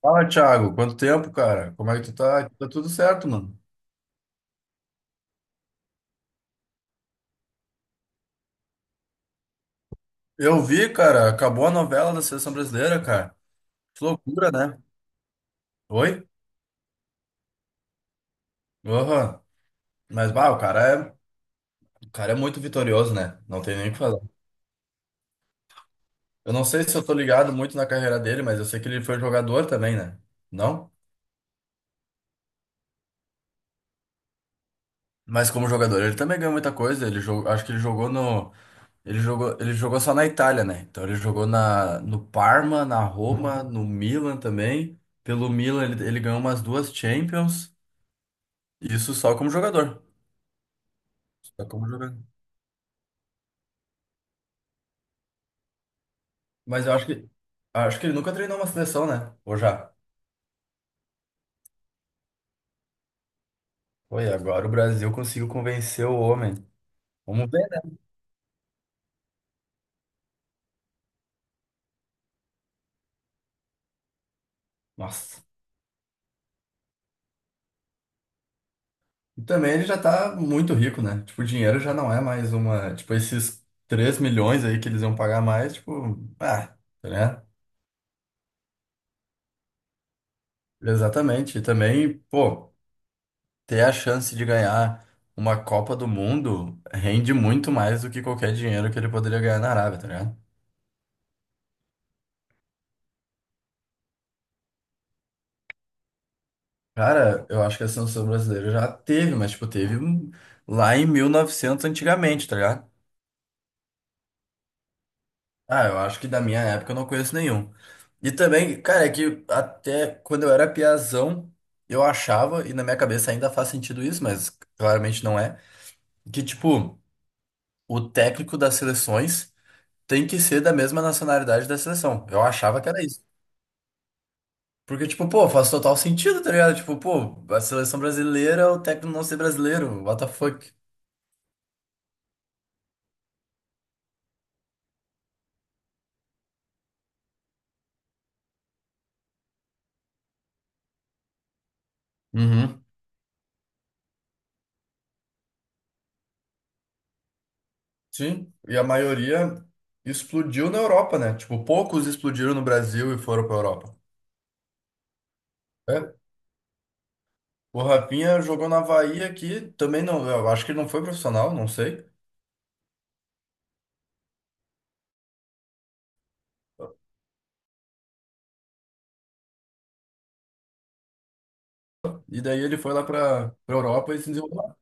Fala, Thiago. Quanto tempo, cara? Como é que tu tá? Aqui, tá tudo certo, mano. Eu vi, cara, acabou a novela da Seleção Brasileira, cara. Que loucura, né? Oi? Aham. Mas, bah, o cara é muito vitorioso, né? Não tem nem o que falar. Eu não sei se eu tô ligado muito na carreira dele, mas eu sei que ele foi jogador também, né? Não? Mas como jogador, ele também ganhou muita coisa. Ele jogou, acho que ele jogou no Ele jogou, só na Itália, né? Então ele jogou no Parma, na Roma, no Milan também. Pelo Milan ele ganhou umas duas Champions. Isso só como jogador. Só como jogador. Mas eu acho que ele nunca treinou uma seleção, né? Ou já? Foi, agora o Brasil conseguiu convencer o homem. Vamos ver, né? Nossa. E também ele já tá muito rico, né? Tipo, o dinheiro já não é mais uma. Tipo, esses 3 milhões aí que eles iam pagar mais, tipo. Ah, né. Exatamente. E também, pô, ter a chance de ganhar uma Copa do Mundo rende muito mais do que qualquer dinheiro que ele poderia ganhar na Arábia, tá ligado? Cara, eu acho que a seleção brasileira já teve, mas, tipo, teve lá em 1900 antigamente, tá ligado? Ah, eu acho que da minha época eu não conheço nenhum. E também, cara, é que até quando eu era piazão, eu achava, e na minha cabeça ainda faz sentido isso, mas claramente não é, que, tipo, o técnico das seleções tem que ser da mesma nacionalidade da seleção. Eu achava que era isso. Porque, tipo, pô, faz total sentido, tá ligado? Tipo, pô, a seleção brasileira, o técnico não ser brasileiro, what the fuck. Uhum. Sim, e a maioria explodiu na Europa, né? Tipo, poucos explodiram no Brasil e foram pra Europa. É. O Rafinha jogou na Havaí aqui, também não, eu acho que ele não foi profissional, não sei. E daí ele foi lá pra Europa e se desenvolveu lá.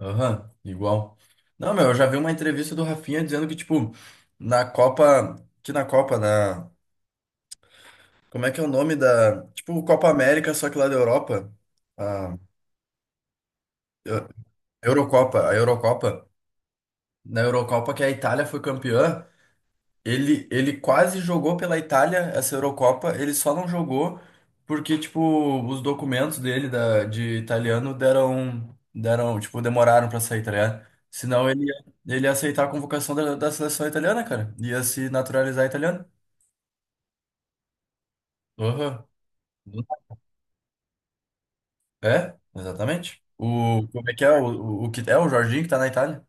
Aham, igual. Não, meu, eu já vi uma entrevista do Rafinha dizendo que, tipo, na Copa, que na Copa, né? Como é que é o nome da. Tipo, o Copa América, só que lá da Europa. A Eu- Eurocopa. Na Eurocopa que a Itália foi campeã, ele quase jogou pela Itália essa Eurocopa, ele só não jogou porque, tipo, os documentos dele da, de italiano tipo, demoraram pra sair, tá ligado? Senão ele ia aceitar a convocação da seleção italiana, cara. Ia se naturalizar italiano. Aham. É, exatamente. Como é que é? O que é o Jorginho que tá na Itália?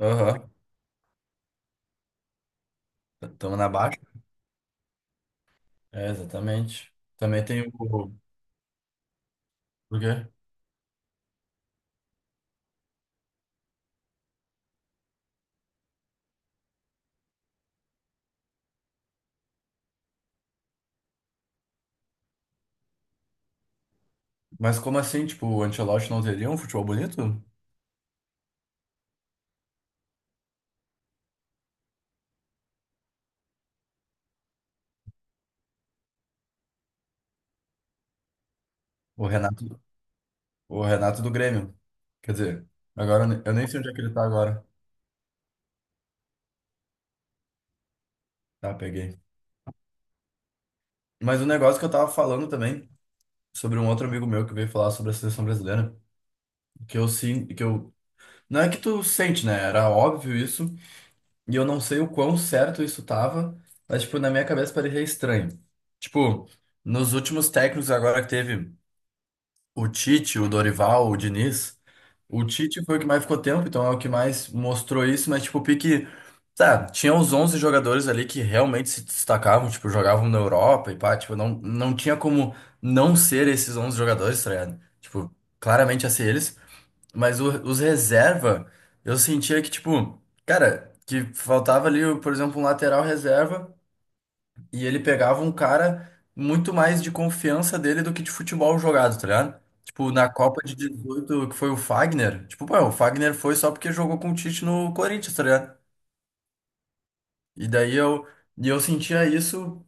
Aham. Estamos na baixa. É, exatamente. Também tem o. O quê? Mas como assim? Tipo, o Ancelotti não teria um futebol bonito? O Renato, o Renato do Grêmio. Quer dizer, agora eu nem sei onde é que ele tá agora. Tá, peguei. Mas o negócio que eu tava falando também, sobre um outro amigo meu que veio falar sobre a seleção brasileira, que eu sim, que eu. Não é que tu sente, né? Era óbvio isso. E eu não sei o quão certo isso tava, mas, tipo, na minha cabeça parecia estranho. Tipo, nos últimos técnicos agora que teve o Tite, o Dorival, o Diniz, o Tite foi o que mais ficou tempo, então é o que mais mostrou isso, mas, tipo, o pique... Tá, tinha os 11 jogadores ali que realmente se destacavam, tipo, jogavam na Europa e pá, tipo, não, não tinha como não ser esses 11 jogadores, tá ligado? Tipo, claramente ia ser eles. Mas os reserva, eu sentia que, tipo, cara, que faltava ali, por exemplo, um lateral reserva e ele pegava um cara muito mais de confiança dele do que de futebol jogado, tá ligado? Tipo, na Copa de 18 que foi o Fagner, tipo, pô, o Fagner foi só porque jogou com o Tite no Corinthians, tá ligado? E daí eu sentia isso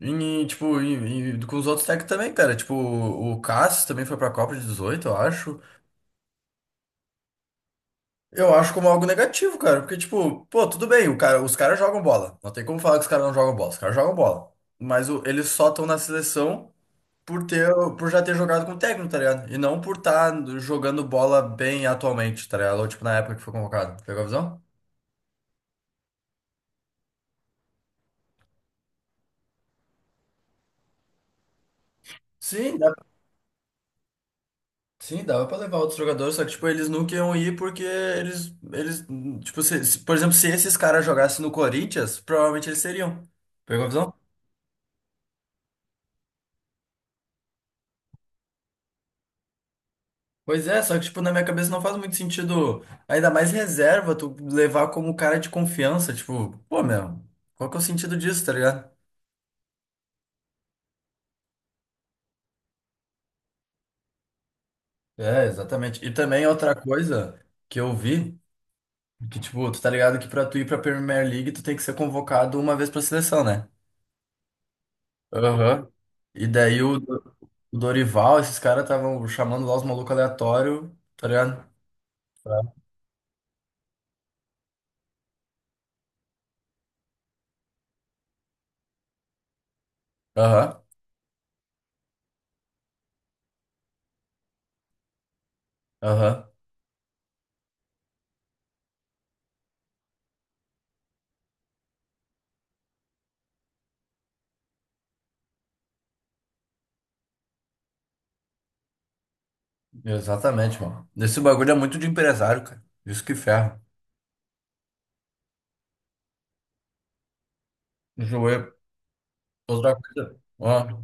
tipo, com os outros técnicos também, cara. Tipo, o Cássio também foi pra Copa de 18 eu acho. Eu acho como algo negativo, cara. Porque, tipo, pô, tudo bem, o cara, os caras jogam bola. Não tem como falar que os caras não jogam bola. Os caras jogam bola. Mas eles só estão na seleção por ter, por já ter jogado com o técnico, tá ligado? E não por estar jogando bola bem atualmente, tá ligado? Ou, tipo, na época que foi convocado. Pegou a visão? Sim, dá, sim, dava pra levar outros jogadores, só que, tipo, eles nunca iam ir porque eles, tipo, se, por exemplo, se esses caras jogassem no Corinthians, provavelmente eles seriam. Pegou a visão? Pois é, só que, tipo, na minha cabeça não faz muito sentido, ainda mais reserva, tu levar como cara de confiança, tipo, pô, meu, qual que é o sentido disso, tá ligado? É, exatamente. E também outra coisa que eu vi, que, tipo, tu tá ligado que pra tu ir pra Premier League, tu tem que ser convocado uma vez pra seleção, né? Aham. E daí o Dorival, esses caras estavam chamando lá os malucos aleatórios, tá ligado? Aham, aham. Exatamente, mano. Esse bagulho é muito de empresário, cara. Isso que ferra. Joelho. Outra coisa. Ó,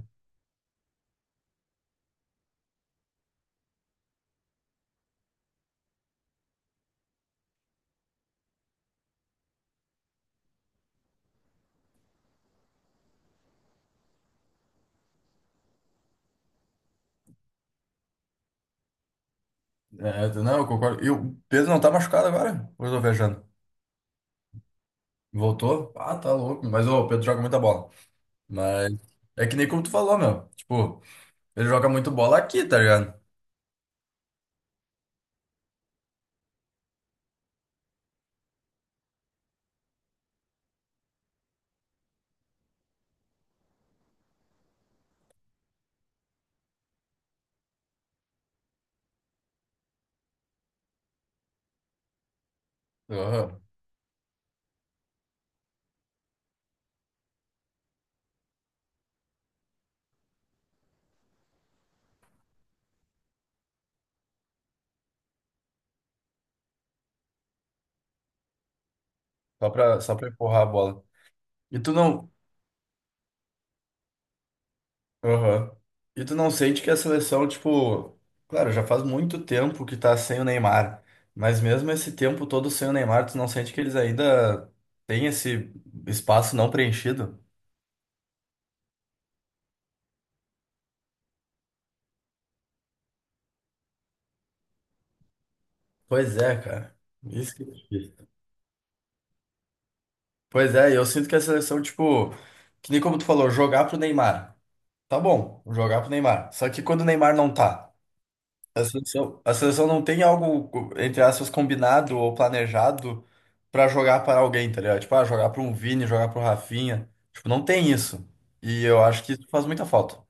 é, não, eu concordo. E o Pedro não tá machucado agora? Ou eu tô viajando? Voltou? Ah, tá louco. Mas ô, o Pedro joga muita bola. Mas é que nem como tu falou, meu. Tipo, ele joga muito bola aqui, tá ligado? Aham. Só pra empurrar a bola. E tu não. Aham. E tu não sente que a seleção, tipo. Claro, já faz muito tempo que tá sem o Neymar. Mas mesmo esse tempo todo sem o Neymar, tu não sente que eles ainda têm esse espaço não preenchido? Pois é, cara. Isso que é difícil. Pois é, e eu sinto que a seleção, tipo, que nem como tu falou, jogar pro Neymar. Tá bom, jogar pro Neymar. Só que quando o Neymar não tá, a seleção não tem algo, entre aspas, combinado ou planejado pra jogar para alguém, tá ligado? Tipo, ah, jogar pro um Vini, jogar pro Rafinha. Tipo, não tem isso. E eu acho que isso faz muita falta.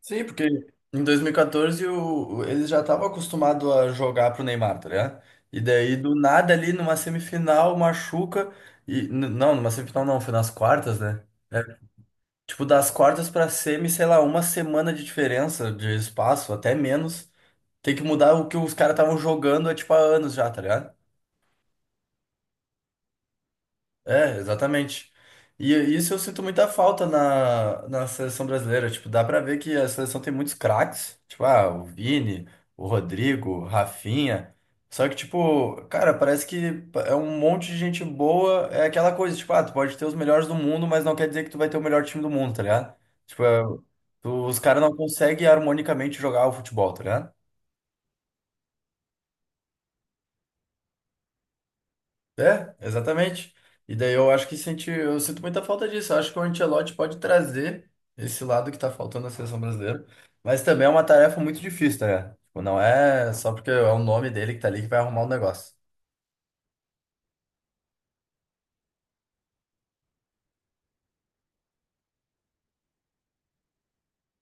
Sim, porque em 2014 eles já estavam acostumados a jogar pro Neymar, tá ligado? E daí do nada ali numa semifinal machuca e não, numa semifinal não, foi nas quartas, né? É, tipo das quartas pra semi, sei lá, uma semana de diferença de espaço, até menos. Tem que mudar o que os caras estavam jogando há tipo há anos já, tá ligado? É, exatamente. E isso eu sinto muita falta na seleção brasileira. Tipo, dá pra ver que a seleção tem muitos craques. Tipo, ah, o Vini, o Rodrigo, o Rafinha. Só que, tipo, cara, parece que é um monte de gente boa. É aquela coisa, tipo, ah, tu pode ter os melhores do mundo, mas não quer dizer que tu vai ter o melhor time do mundo, tá ligado? Tipo, os caras não conseguem harmonicamente jogar o futebol, tá ligado? É, exatamente. E daí eu acho que eu sinto muita falta disso. Eu acho que o Ancelotti pode trazer esse lado que tá faltando na seleção brasileira. Mas também é uma tarefa muito difícil, tá ligado? Tipo, não é só porque é o nome dele que tá ali que vai arrumar o negócio.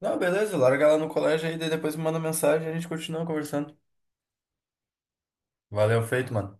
Não, beleza, larga lá no colégio aí, daí depois me manda mensagem e a gente continua conversando. Valeu, feito, mano.